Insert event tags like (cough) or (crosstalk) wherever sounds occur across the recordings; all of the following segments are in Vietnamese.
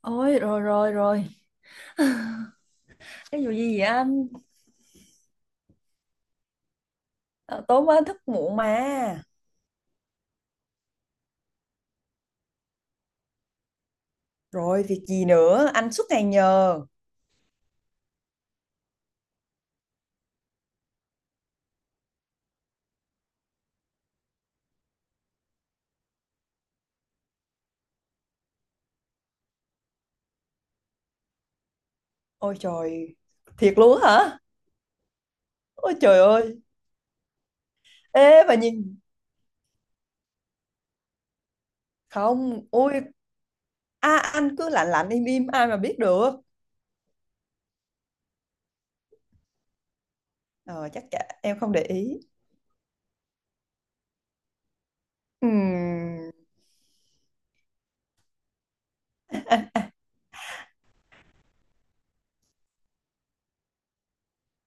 Ôi, rồi rồi rồi. (laughs) Cái vụ gì vậy anh? Tối mới thức muộn mà. Rồi việc gì nữa? Anh suốt ngày nhờ. Ôi trời, thiệt luôn á hả? Ôi trời ơi! Ê mà nhìn... Không. Ôi, anh cứ lạnh lạnh im im, ai mà biết được. Ờ chắc chả, em không để ý. Ừm,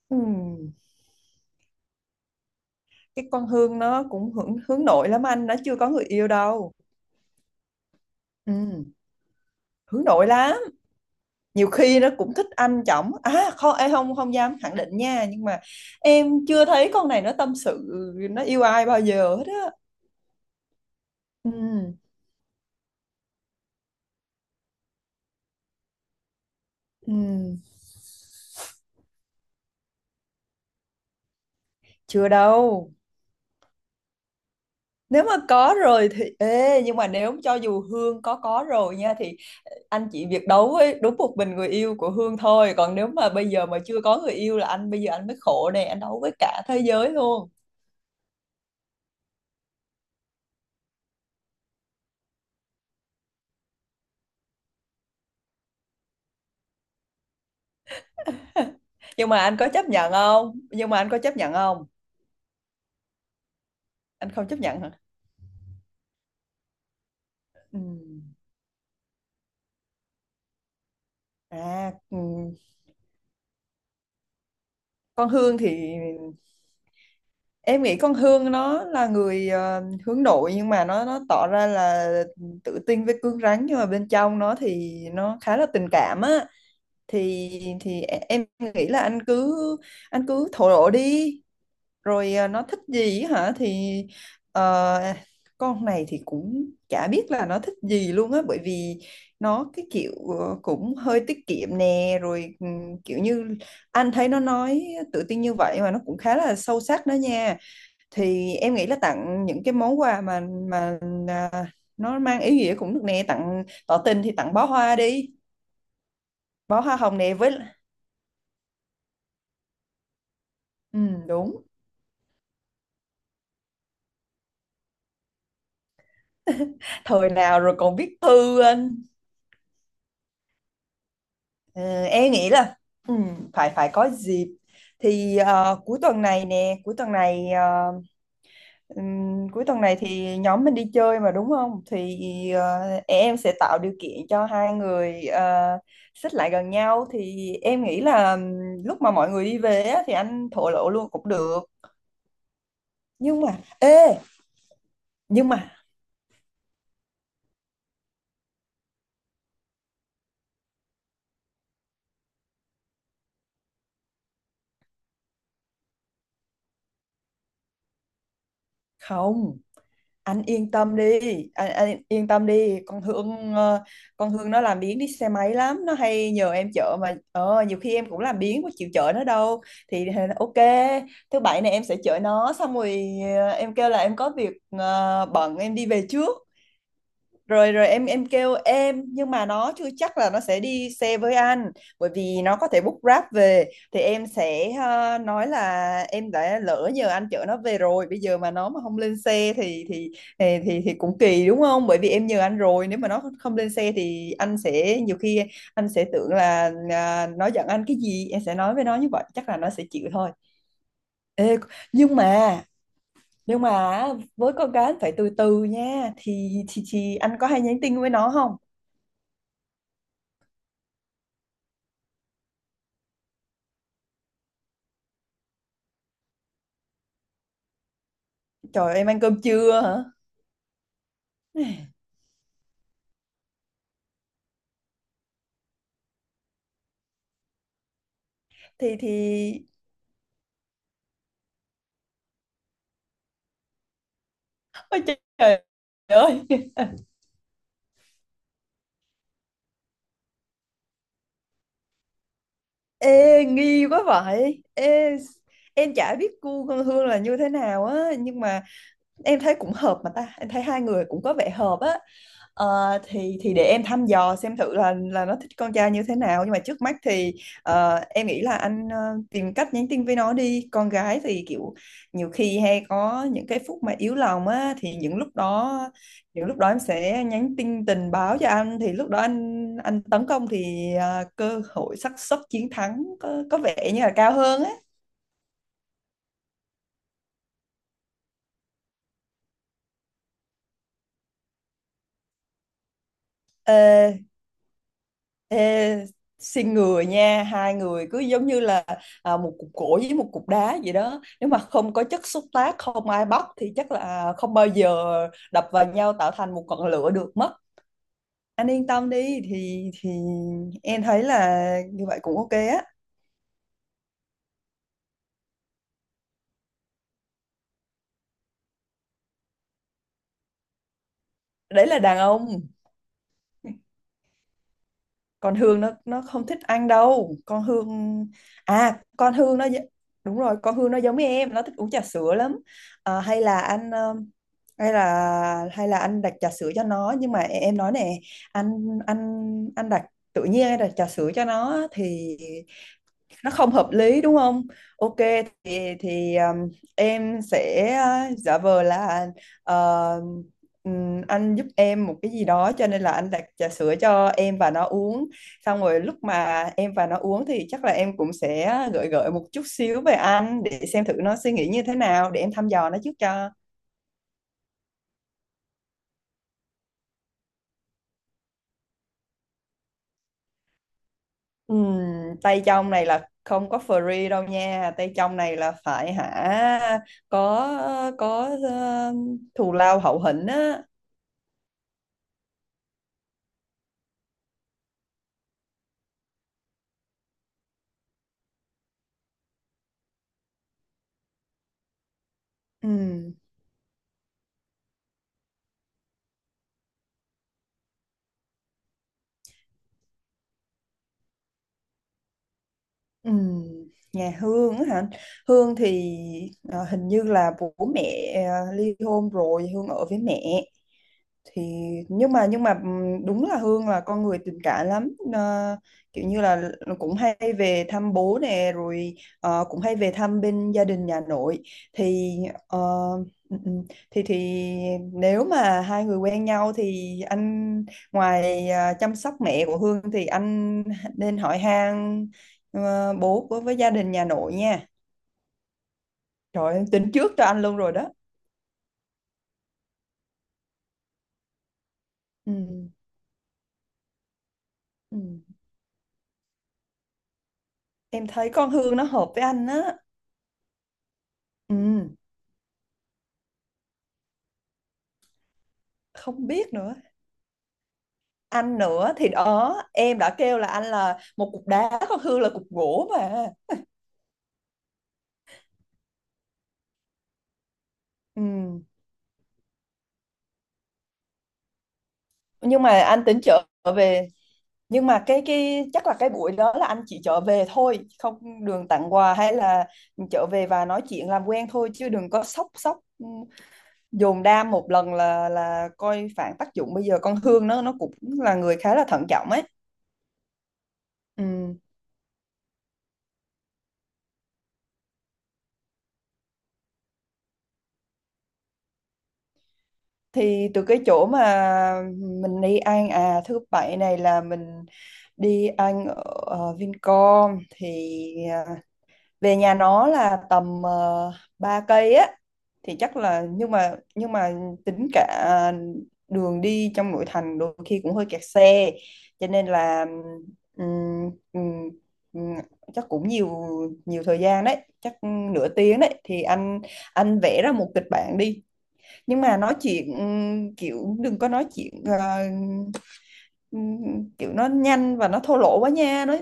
ừm. Cái con Hương nó cũng hướng nội lắm anh, nó chưa có người yêu đâu. Ừm, Hướng nội lắm. Nhiều khi nó cũng thích anh chồng, à không, em không không dám khẳng định nha, nhưng mà em chưa thấy con này nó tâm sự nó yêu ai bao giờ hết á. ừ, ừ, Chưa đâu. Nếu mà có rồi thì ê, nhưng mà nếu cho dù Hương có rồi nha thì anh chỉ việc đấu với đúng một mình người yêu của Hương thôi, còn nếu mà bây giờ mà chưa có người yêu là anh bây giờ anh mới khổ nè, anh đấu với cả thế giới luôn. Nhưng mà anh có chấp nhận không? Nhưng mà anh có chấp nhận không Anh không chấp nhận hả? ừ. à ừ. Con Hương thì em nghĩ con Hương nó là người hướng nội, nhưng mà nó tỏ ra là tự tin với cứng rắn, nhưng mà bên trong nó thì nó khá là tình cảm á. thì thì em nghĩ là anh cứ thổ lộ đi. Rồi nó thích gì hả? Thì ờ, con này thì cũng chả biết là nó thích gì luôn á, bởi vì nó cái kiểu cũng hơi tiết kiệm nè, rồi kiểu như anh thấy nó nói tự tin như vậy mà nó cũng khá là sâu sắc đó nha. Thì em nghĩ là tặng những cái món quà mà mà à, nó mang ý nghĩa cũng được nè. Tặng tỏ tình thì tặng bó hoa đi, bó hoa hồng nè, với ừ, đúng. Thời nào rồi còn viết thư anh. Ờ, em nghĩ là ừ, phải phải có dịp thì cuối tuần này, cuối tuần này thì nhóm mình đi chơi mà đúng không? Thì ờ, em sẽ tạo điều kiện cho hai người xích lại gần nhau. Thì em nghĩ là lúc mà mọi người đi về á, thì anh thổ lộ luôn cũng được. Nhưng mà ê, nhưng mà... Không, anh yên tâm đi. Anh yên tâm đi, con Hương nó làm biếng đi xe máy lắm, nó hay nhờ em chở mà. Ờ, nhiều khi em cũng làm biếng, có chịu chở nó đâu. Thì ok, thứ bảy này em sẽ chở nó, xong rồi em kêu là em có việc, bận, em đi về trước. Rồi rồi, em kêu em, nhưng mà nó chưa chắc là nó sẽ đi xe với anh, bởi vì nó có thể book Grab về. Thì em sẽ nói là em đã lỡ nhờ anh chở nó về rồi, bây giờ mà nó mà không lên xe thì thì cũng kỳ đúng không? Bởi vì em nhờ anh rồi, nếu mà nó không lên xe thì anh sẽ nhiều khi anh sẽ tưởng là nó giận anh cái gì. Em sẽ nói với nó như vậy, chắc là nó sẽ chịu thôi. Ê, nhưng mà nhưng mà với con gái phải từ từ nha. Thì anh có hay nhắn tin với nó không? Trời, em ăn cơm trưa hả? Thì Ôi trời ơi. (laughs) Ê, nghi quá vậy. Ê, em chả biết cu con Hương là như thế nào á, nhưng mà em thấy cũng hợp mà ta. Em thấy hai người cũng có vẻ hợp á. Ờ, thì để em thăm dò xem thử là nó thích con trai như thế nào. Nhưng mà trước mắt thì em nghĩ là anh tìm cách nhắn tin với nó đi. Con gái thì kiểu nhiều khi hay có những cái phút mà yếu lòng á, thì những lúc đó kiểu lúc đó em sẽ nhắn tin tình báo cho anh. Thì lúc đó anh tấn công thì cơ hội xác suất chiến thắng có vẻ như là cao hơn á. Ê, ê, Xin người nha, hai người cứ giống như là một cục gỗ với một cục đá vậy đó. Nếu mà không có chất xúc tác, không ai bóc thì chắc là không bao giờ đập vào nhau tạo thành một ngọn lửa được mất. Anh yên tâm đi, thì em thấy là như vậy cũng ok á. Đấy là đàn ông, còn Hương nó không thích ăn đâu con Hương. à con Hương nó gi- Đúng rồi, con Hương nó giống như em, nó thích uống trà sữa lắm. Ờ, hay là anh hay là anh đặt trà sữa cho nó. Nhưng mà em nói nè, anh anh anh đặt, tự nhiên anh đặt trà sữa cho nó thì nó không hợp lý đúng không? Ok, thì em sẽ giả vờ là ờ, anh giúp em một cái gì đó, cho nên là anh đặt trà sữa cho em và nó uống. Xong rồi lúc mà em và nó uống thì chắc là em cũng sẽ gợi gợi một chút xíu về anh để xem thử nó suy nghĩ như thế nào, để em thăm dò nó trước cho. Ừm, tay trong này là không có free đâu nha, tay trong này là phải hả, có có thù lao hậu hĩnh á. Ừm. Ừ, nhà Hương á hả? Hương thì hình như là bố mẹ ly hôn rồi, Hương ở với mẹ. Thì nhưng mà đúng là Hương là con người tình cảm lắm. Ờ, kiểu như là cũng hay về thăm bố nè, rồi cũng hay về thăm bên gia đình nhà nội. Thì ờ, ừ, ừ, thì nếu mà hai người quen nhau thì anh ngoài chăm sóc mẹ của Hương thì anh nên hỏi han Ờ, bố với gia đình nhà nội nha. Trời ơi, em tính trước cho anh luôn rồi đó. ừ. Ừ. em thấy con Hương nó hợp với anh á. Ừ, không biết nữa. Anh nữa thì đó Em đã kêu là anh là một cục đá, con Hương là cục gỗ mà. Ừ. Nhưng mà anh tính trở về. Nhưng mà cái chắc là cái buổi đó là anh chỉ trở về thôi, không đường tặng quà hay là trở về và nói chuyện làm quen thôi, chứ đừng có sốc sốc. Ừ. Dồn đam một lần là coi phản tác dụng, bây giờ con Hương nó cũng là người khá là thận trọng ấy. Ừ. Thì từ cái chỗ mà mình đi ăn, thứ bảy này là mình đi ăn ở Vincom thì à, về nhà nó là tầm 3 cây á. Thì chắc là nhưng mà tính cả đường đi trong nội thành đôi khi cũng hơi kẹt xe, cho nên là ừm, ừm, ừm, chắc cũng nhiều nhiều thời gian đấy, chắc nửa tiếng đấy. Thì anh vẽ ra một kịch bản đi. Nhưng mà nói chuyện kiểu đừng có nói chuyện kiểu nó nhanh và nó thô lỗ quá nha.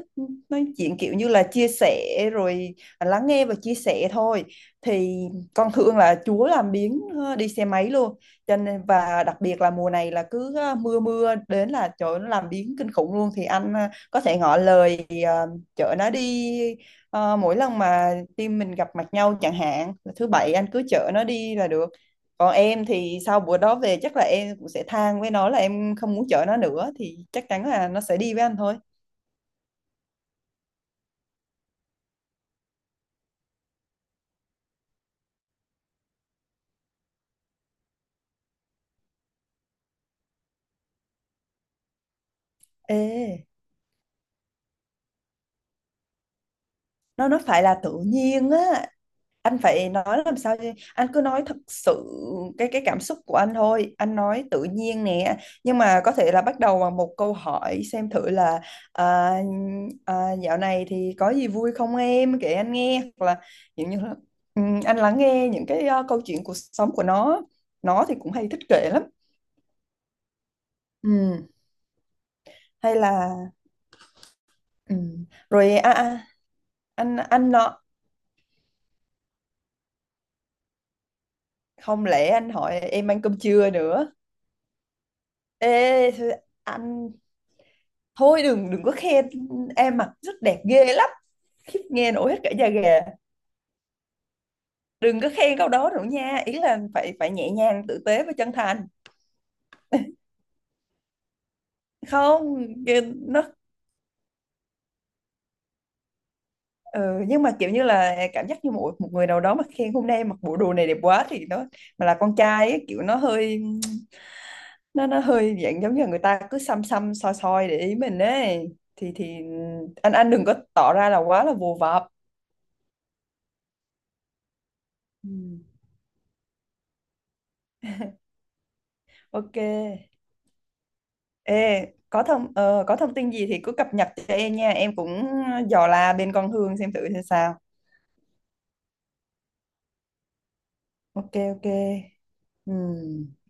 Nói chuyện kiểu như là chia sẻ rồi lắng nghe và chia sẻ thôi. Thì con thường là Chúa làm biếng, ờ, đi xe máy luôn, cho nên và đặc biệt là mùa này là cứ ờ, mưa mưa đến là trời ơi, nó làm biếng kinh khủng luôn. Thì anh có thể ngỏ lời chở nó đi. Ờ, mỗi lần mà team mình gặp mặt nhau, chẳng hạn là thứ bảy, anh cứ chở nó đi là được. Còn em thì sau bữa đó về chắc là em cũng sẽ than với nó là em không muốn chở nó nữa, thì chắc chắn là nó sẽ đi với anh thôi. Ê, nó phải là tự nhiên á. Anh phải nói làm sao chứ? Anh cứ nói thật sự cái cảm xúc của anh thôi. Anh nói tự nhiên nè. Nhưng mà có thể là bắt đầu bằng một câu hỏi xem thử là à, dạo này thì có gì vui không, em kể anh nghe, hoặc là kiểu như là anh lắng nghe những cái câu chuyện cuộc sống của nó. Nó thì cũng hay thích kể lắm. Ừ. Hay là... Ừ. Rồi anh nó không lẽ anh hỏi em ăn cơm trưa nữa. Ê anh, thôi đừng đừng có khen em mặc rất đẹp ghê lắm, khiếp nghe nổi hết cả da gà. Đừng có khen câu đó nữa nha, ý là phải phải nhẹ nhàng, tử tế và chân thành. Không nó ừ, nhưng mà kiểu như là cảm giác như một một người nào đó mà khen hôm nay mặc bộ đồ này đẹp quá thì nó mà là con trai ấy, kiểu nó hơi nó hơi dạng giống như là người ta cứ xăm xăm soi soi để ý mình ấy. Thì Anh đừng có tỏ ra là quá là vồ vập. Ừ, ok. Ê có có thông tin gì thì cứ cập nhật cho em nha, em cũng dò la bên con Hương xem thử xem sao. Ok ok, ừ.